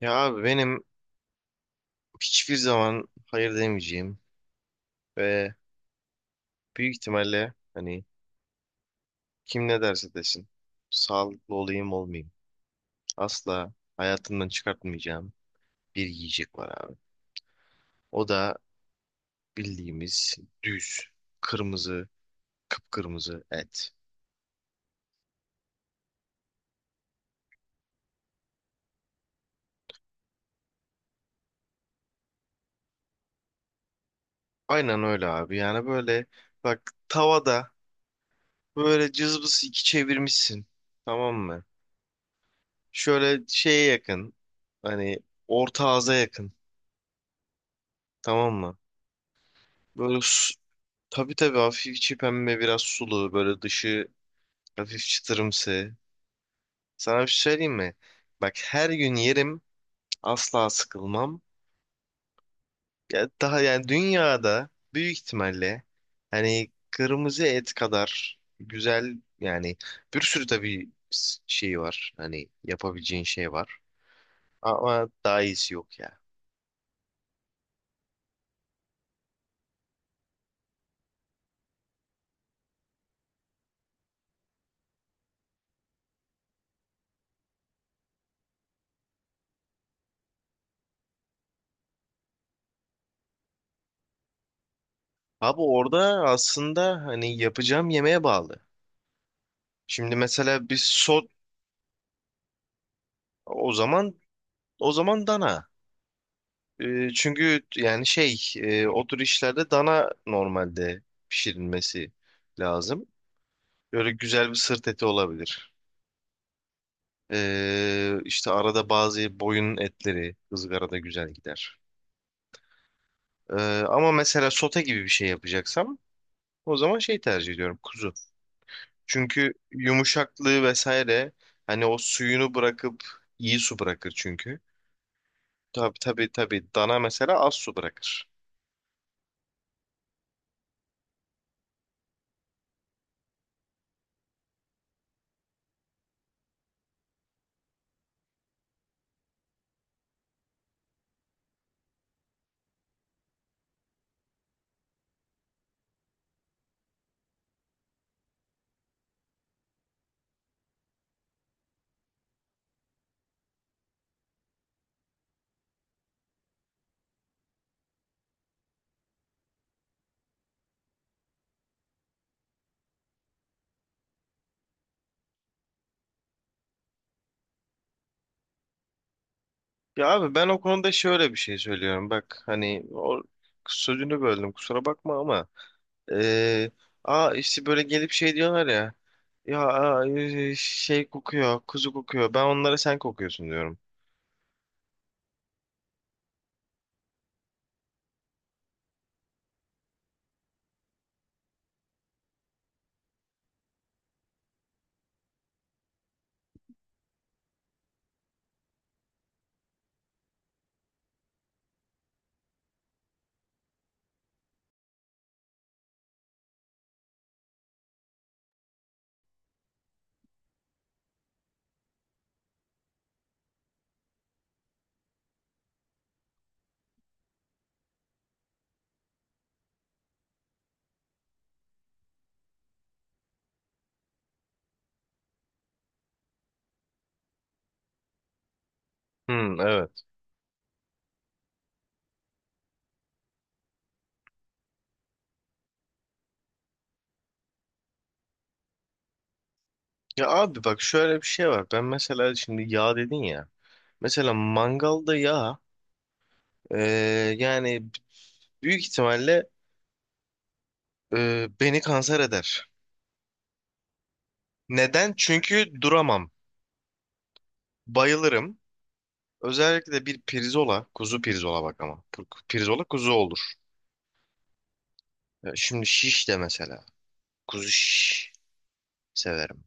Ya abi benim hiçbir zaman hayır demeyeceğim ve büyük ihtimalle hani kim ne derse desin sağlıklı olayım olmayayım asla hayatımdan çıkartmayacağım bir yiyecek var abi. O da bildiğimiz düz kırmızı kıpkırmızı et. Aynen öyle abi yani böyle bak tavada böyle cızbız iki çevirmişsin tamam mı? Şöyle şeye yakın hani orta ağza yakın tamam mı? Böyle su- tabii tabii hafif içi pembe biraz sulu böyle dışı hafif çıtırımsı. Sana bir şey söyleyeyim mi? Bak her gün yerim asla sıkılmam. Ya daha yani dünyada büyük ihtimalle hani kırmızı et kadar güzel yani bir sürü tabii şey var. Hani yapabileceğin şey var. Ama daha iyisi yok ya. Abi orada aslında hani yapacağım yemeğe bağlı. Şimdi mesela bir sos o zaman O zaman dana. Çünkü yani o tür işlerde dana normalde pişirilmesi lazım. Böyle güzel bir sırt eti olabilir. İşte arada bazı boyun etleri ızgarada güzel gider. Ee, Ama mesela sote gibi bir şey yapacaksam o zaman şey tercih ediyorum kuzu. Çünkü yumuşaklığı vesaire hani o suyunu bırakıp iyi su bırakır çünkü. Tabii tabii tabii dana mesela az su bırakır. Ya abi ben o konuda şöyle bir şey söylüyorum. Bak hani o sözünü böldüm kusura bakma ama eee işte böyle gelip şey diyorlar ya ya, şey kokuyor kuzu kokuyor ben onlara sen kokuyorsun diyorum. Hmm, evet. Ya abi bak şöyle bir şey var. Ben mesela şimdi yağ dedin ya. Mesela mangalda yağ yani büyük ihtimalle beni kanser eder. Neden? Çünkü duramam. Bayılırım. Özellikle de bir pirzola, kuzu pirzola bak ama. Pirzola kuzu olur. Ya, şimdi şiş de mesela. Kuzu şiş severim.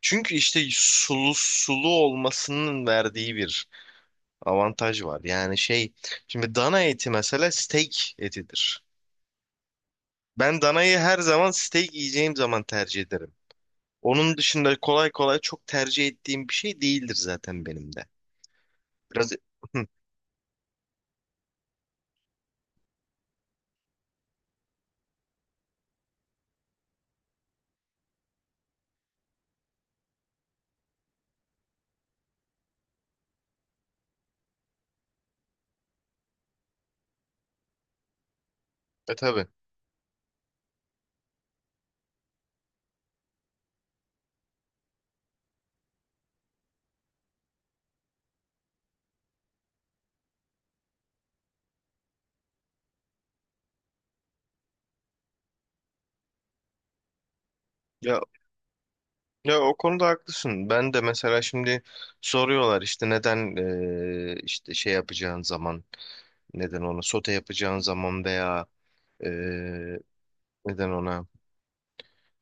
Çünkü işte sulu sulu olmasının verdiği bir avantaj var. Şimdi dana eti mesela steak etidir. Ben danayı her zaman steak yiyeceğim zaman tercih ederim. Onun dışında kolay kolay çok tercih ettiğim bir şey değildir zaten benim de. Biraz... Tabii. Ya Ya, o konuda haklısın. Ben de mesela şimdi soruyorlar işte neden işte şey yapacağın zaman neden ona sote yapacağın zaman veya eee, neden ona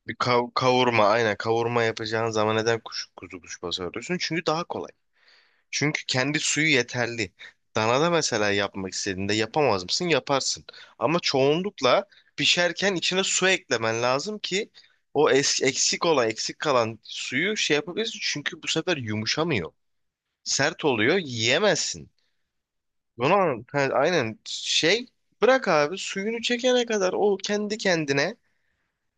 bir kavurma aynen kavurma yapacağın zaman neden kuzu kuşbaşı arıyorsun? Çünkü daha kolay. Çünkü kendi suyu yeterli. Danada mesela yapmak istediğinde yapamaz mısın? Yaparsın. Ama çoğunlukla pişerken içine su eklemen lazım ki eksik olan, eksik kalan suyu şey yapabilirsin. Çünkü bu sefer yumuşamıyor. Sert oluyor, yiyemezsin. Aynen şey, bırak abi suyunu çekene kadar o kendi kendine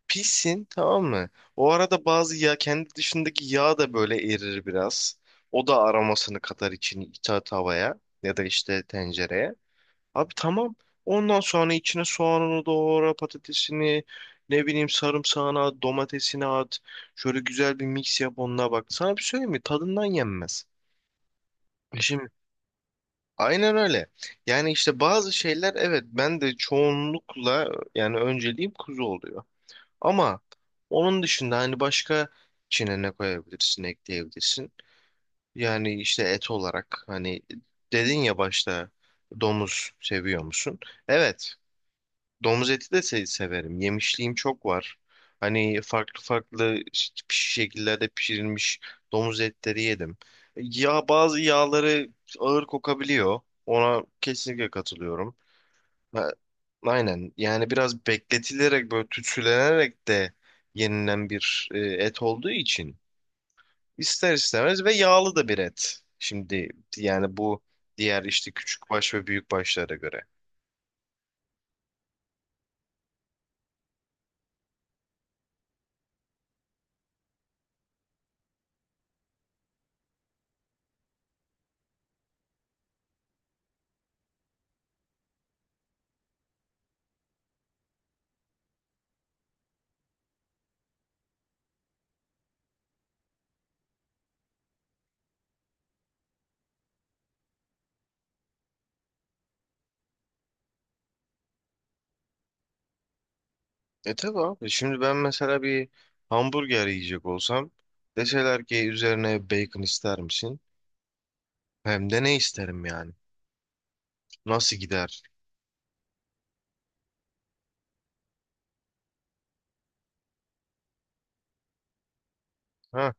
pissin, tamam mı? O arada bazı yağ kendi dışındaki yağ da böyle erir biraz. O da aromasını katar içini ita tavaya ya da işte tencereye. Abi tamam. Ondan sonra içine soğanını doğra, patatesini, ne bileyim sarımsağını at, domatesini at. Şöyle güzel bir mix yap onunla bak. Sana bir söyleyeyim mi? Tadından yenmez. Şimdi aynen öyle. Yani işte bazı şeyler evet ben de çoğunlukla yani önceliğim kuzu oluyor. Ama onun dışında hani başka içine ne koyabilirsin, ekleyebilirsin. Yani işte et olarak hani dedin ya başta domuz seviyor musun? Evet, domuz eti de severim. Yemişliğim çok var. Hani farklı farklı şekillerde pişirilmiş domuz etleri yedim. Ya bazı yağları ağır kokabiliyor. Ona kesinlikle katılıyorum. Ha, aynen. Yani biraz bekletilerek böyle tütsülenerek de yenilen bir et olduğu için ister istemez ve yağlı da bir et. Şimdi yani bu diğer işte küçük baş ve büyük başlara göre. E tabii abi. Şimdi ben mesela bir hamburger yiyecek olsam deseler ki üzerine bacon ister misin? Hem de ne isterim yani? Nasıl gider? Ha?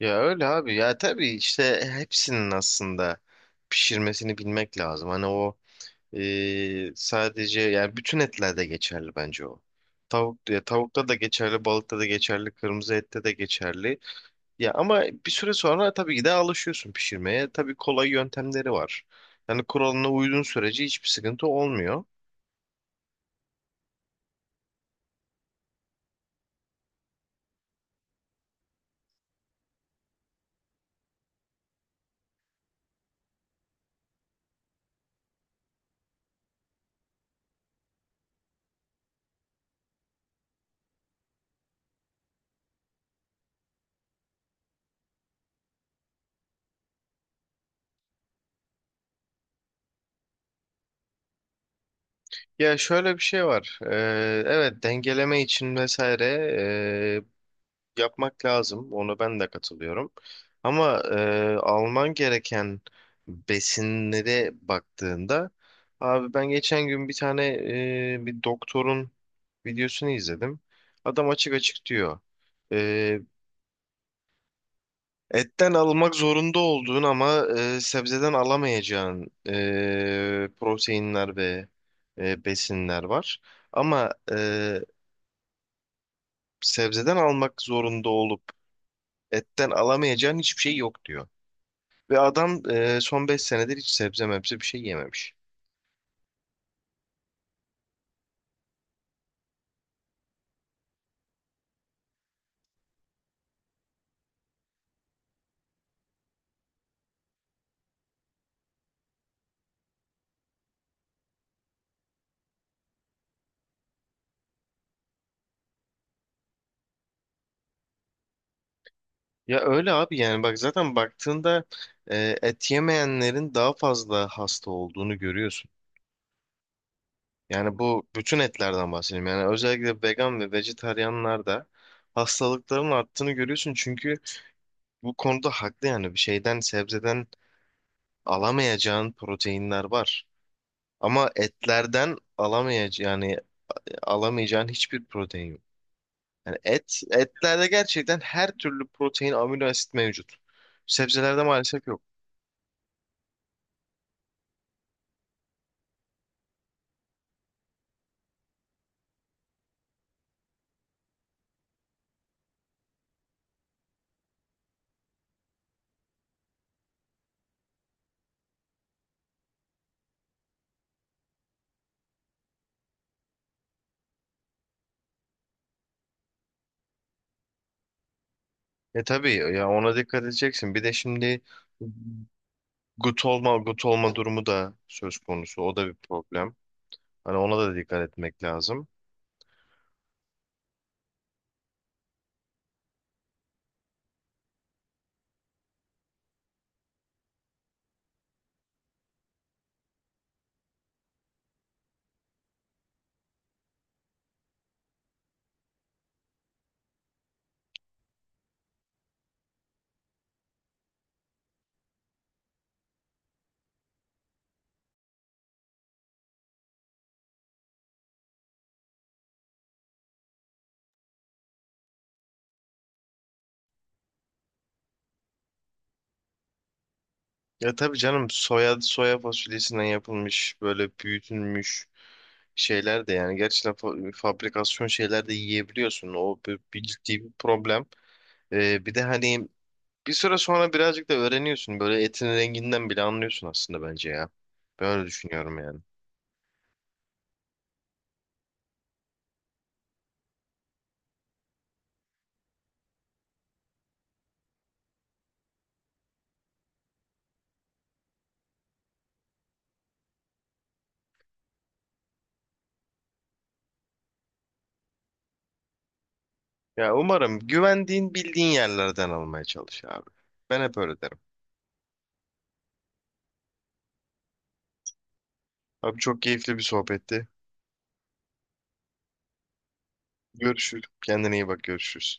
Ya öyle abi ya tabii işte hepsinin aslında pişirmesini bilmek lazım. Sadece yani bütün etlerde geçerli bence o. Tavuk, ya tavukta da geçerli, balıkta da geçerli, kırmızı ette de geçerli. Ya ama bir süre sonra tabii ki de alışıyorsun pişirmeye. Tabii kolay yöntemleri var. Yani kuralına uyduğun sürece hiçbir sıkıntı olmuyor. Ya şöyle bir şey var. Evet dengeleme için vesaire yapmak lazım. Ona ben de katılıyorum. Ama alman gereken besinlere baktığında abi ben geçen gün bir tane bir doktorun videosunu izledim. Adam açık açık diyor. e, Etten almak zorunda olduğun ama sebzeden alamayacağın proteinler ve besinler var. Ama sebzeden almak zorunda olup etten alamayacağın hiçbir şey yok diyor. Ve adam son 5 senedir hiç sebze mebze bir şey yememiş. Ya öyle abi yani bak zaten baktığında et yemeyenlerin daha fazla hasta olduğunu görüyorsun. Yani bu bütün etlerden bahsedeyim. Yani özellikle vegan ve vejetaryenlerde hastalıkların arttığını görüyorsun. Çünkü bu konuda haklı yani bir şeyden sebzeden alamayacağın proteinler var. Ama etlerden alamayacağın yani alamayacağın hiçbir protein yok. Yani et, etlerde gerçekten her türlü protein, amino asit mevcut. Sebzelerde maalesef yok. E tabii ya ona dikkat edeceksin. Bir de şimdi gut olma, gut olma durumu da söz konusu. O da bir problem. Hani ona da dikkat etmek lazım. Ya tabii canım soya soya fasulyesinden yapılmış böyle büyütülmüş şeyler de yani gerçekten fabrikasyon şeyler de yiyebiliyorsun. O bir ciddi bir problem. E, bir de hani bir süre sonra birazcık da öğreniyorsun. Böyle etin renginden bile anlıyorsun aslında bence ya. Ben öyle düşünüyorum yani. Ya umarım güvendiğin bildiğin yerlerden almaya çalış abi. Ben hep öyle derim. Abi çok keyifli bir sohbetti. Görüşürüz. Kendine iyi bak, görüşürüz.